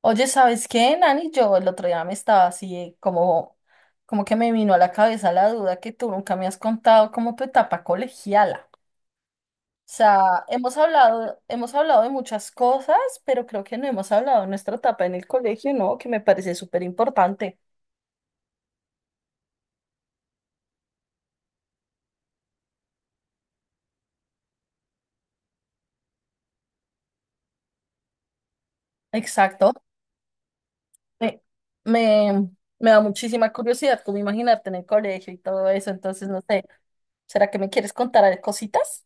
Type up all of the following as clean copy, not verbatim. Oye, ¿sabes qué, Nani? Yo el otro día me estaba así como que me vino a la cabeza la duda que tú nunca me has contado como tu etapa colegiala. O sea, hemos hablado de muchas cosas, pero creo que no hemos hablado de nuestra etapa en el colegio, ¿no? Que me parece súper importante. Exacto. Me, me, me da muchísima curiosidad como imaginarte en el colegio y todo eso, entonces no sé, ¿será que me quieres contar cositas?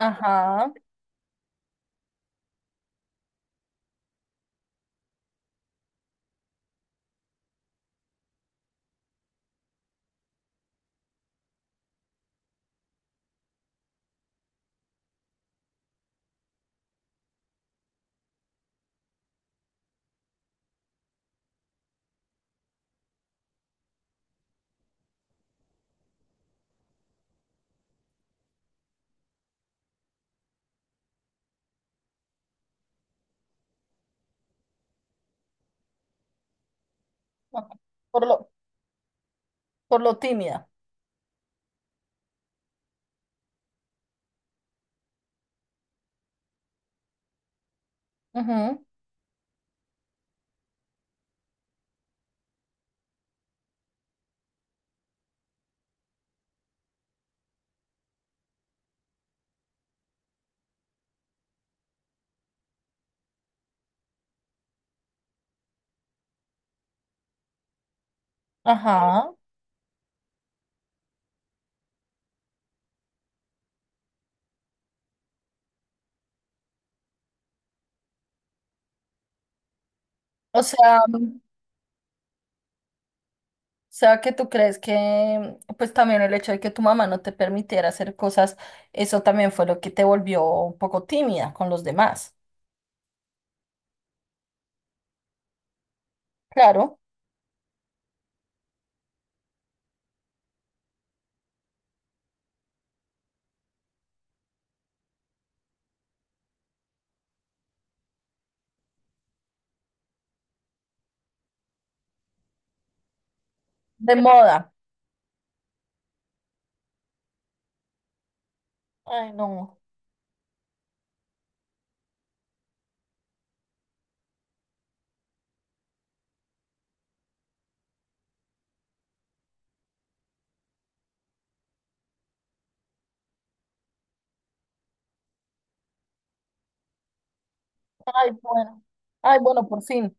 Ajá, por lo, por lo tímida. Ujú, ajá, o sea, O sea, que tú crees que, pues también el hecho de que tu mamá no te permitiera hacer cosas, eso también fue lo que te volvió un poco tímida con los demás. Claro, de moda. Ay, no. Ay, bueno. Ay, bueno, por fin.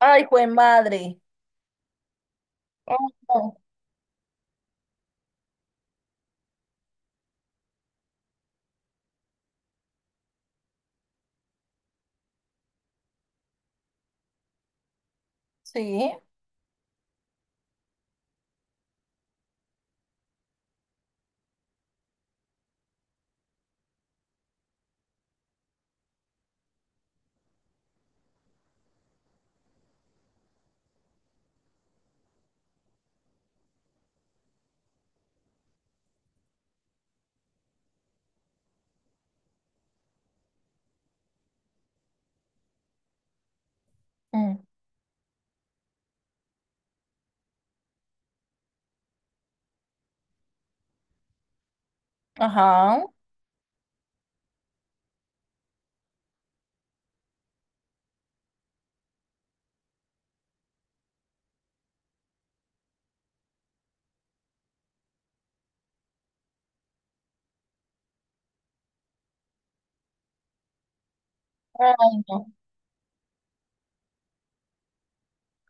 Ay, jue madre. Ay, no. Sí. Mm. Ajá. Ay, no.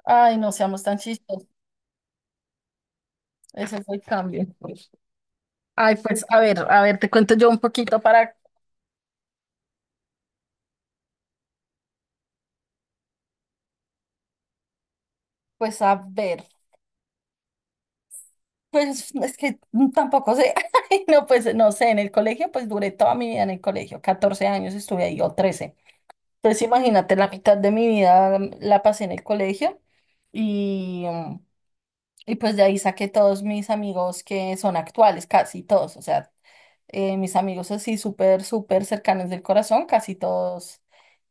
Ay, no seamos tan chistosos. Ese fue el cambio. Ay, pues, a ver, te cuento yo un poquito para, pues, a ver. Pues es que tampoco sé. Ay, no, pues no sé, en el colegio pues duré toda mi vida en el colegio, 14 años estuve ahí o 13. Entonces imagínate, la mitad de mi vida la pasé en el colegio y, mm, y pues de ahí saqué todos mis amigos que son actuales, casi todos, o sea, mis amigos así súper, súper cercanos del corazón, casi todos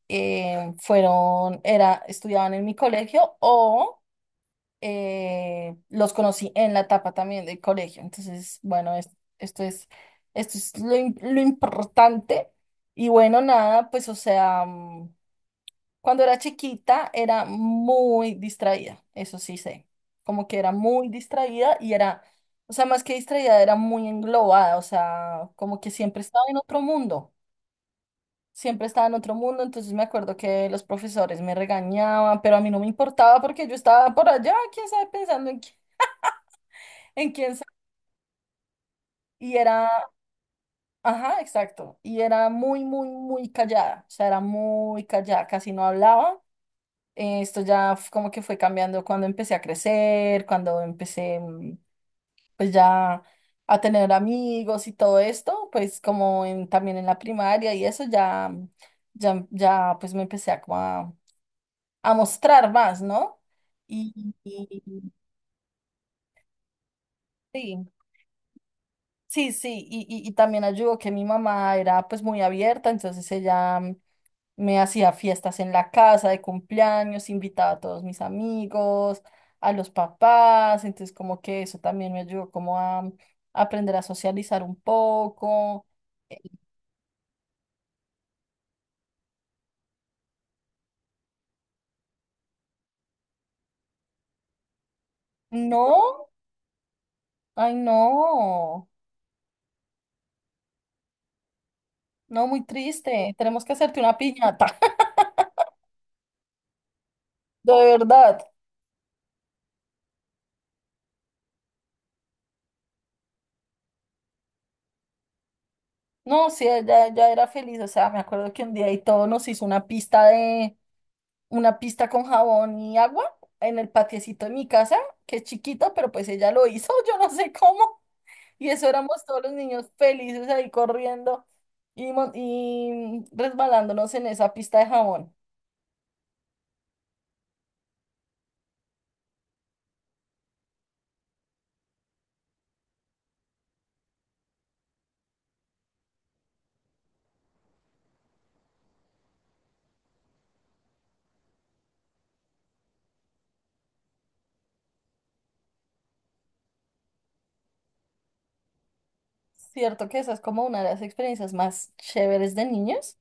fueron, era, estudiaban en mi colegio o los conocí en la etapa también del colegio. Entonces, bueno, esto es, esto es lo importante. Y bueno, nada, pues o sea, cuando era chiquita era muy distraída, eso sí sé, como que era muy distraída y era, o sea, más que distraída, era muy englobada, o sea, como que siempre estaba en otro mundo. Siempre estaba en otro mundo, entonces me acuerdo que los profesores me regañaban, pero a mí no me importaba porque yo estaba por allá, quién sabe, pensando en qué en quién sa- Y era, ajá, exacto. Y era muy, muy, muy callada. O sea, era muy callada, casi no hablaba. Esto ya como que fue cambiando cuando empecé a crecer, cuando empecé pues ya a tener amigos y todo esto, pues como en, también en la primaria y eso ya, ya, ya pues me empecé a, como a mostrar más, ¿no? Y, y- sí, sí, sí. Y también ayudó que mi mamá era pues muy abierta, entonces ella me hacía fiestas en la casa de cumpleaños, invitaba a todos mis amigos, a los papás, entonces como que eso también me ayudó como a aprender a socializar un poco. Eh, No, ay no, no, muy triste, tenemos que hacerte una piñata, de verdad. No, sí, ella ya era feliz, o sea, me acuerdo que un día y todo nos hizo una pista de, una pista con jabón y agua en el patiecito de mi casa, que es chiquito pero pues ella lo hizo, yo no sé cómo. Y eso éramos todos los niños felices ahí corriendo y resbalándonos en esa pista de jabón. Cierto que esa es como una de las experiencias más chéveres de niños.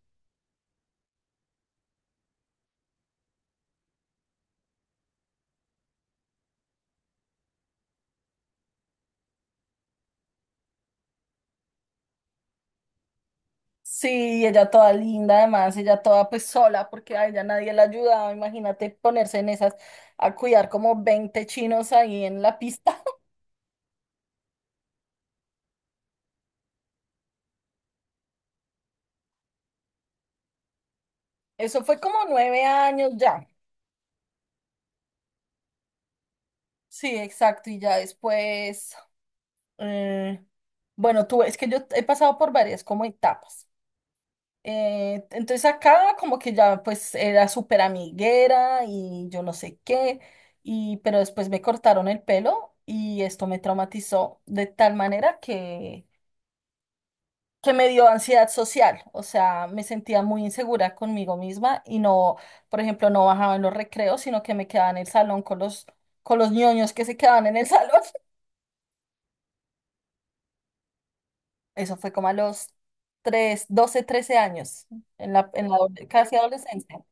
Sí, y ella toda linda, además, ella toda pues sola, porque a ella nadie la ayudaba. Imagínate ponerse en esas a cuidar como 20 chinos ahí en la pista. Eso fue como 9 años ya. Sí, exacto. Y ya después, eh, bueno, tú, es que yo he pasado por varias como etapas. Entonces acá como que ya pues era súper amiguera y yo no sé qué, pero después me cortaron el pelo y esto me traumatizó de tal manera que me dio ansiedad social, o sea, me sentía muy insegura conmigo misma y no, por ejemplo, no bajaba en los recreos, sino que me quedaba en el salón con los, ñoños que se quedaban en el salón. Eso fue como a los 3, 12, 13 años, casi adolescencia.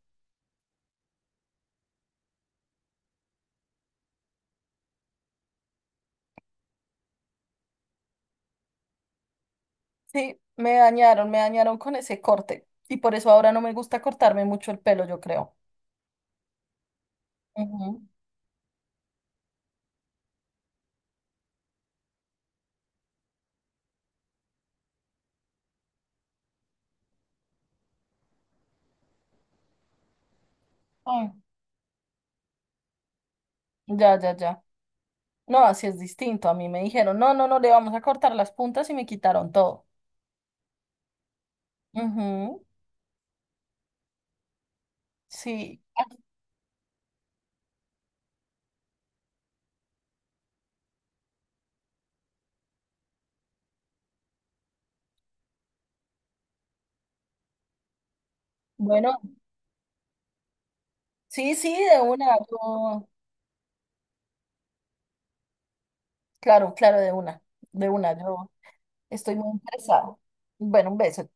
Sí, me dañaron con ese corte. Y por eso ahora no me gusta cortarme mucho el pelo, yo creo. Ujú. Ay, ya, ya, ya. No, así es distinto. A mí me dijeron, no, no, no, le vamos a cortar las puntas y me quitaron todo. Ujú. Sí. Bueno, sí, sí, de una. Claro, claro, de una. De una, yo estoy muy interesada. Bueno, un beso.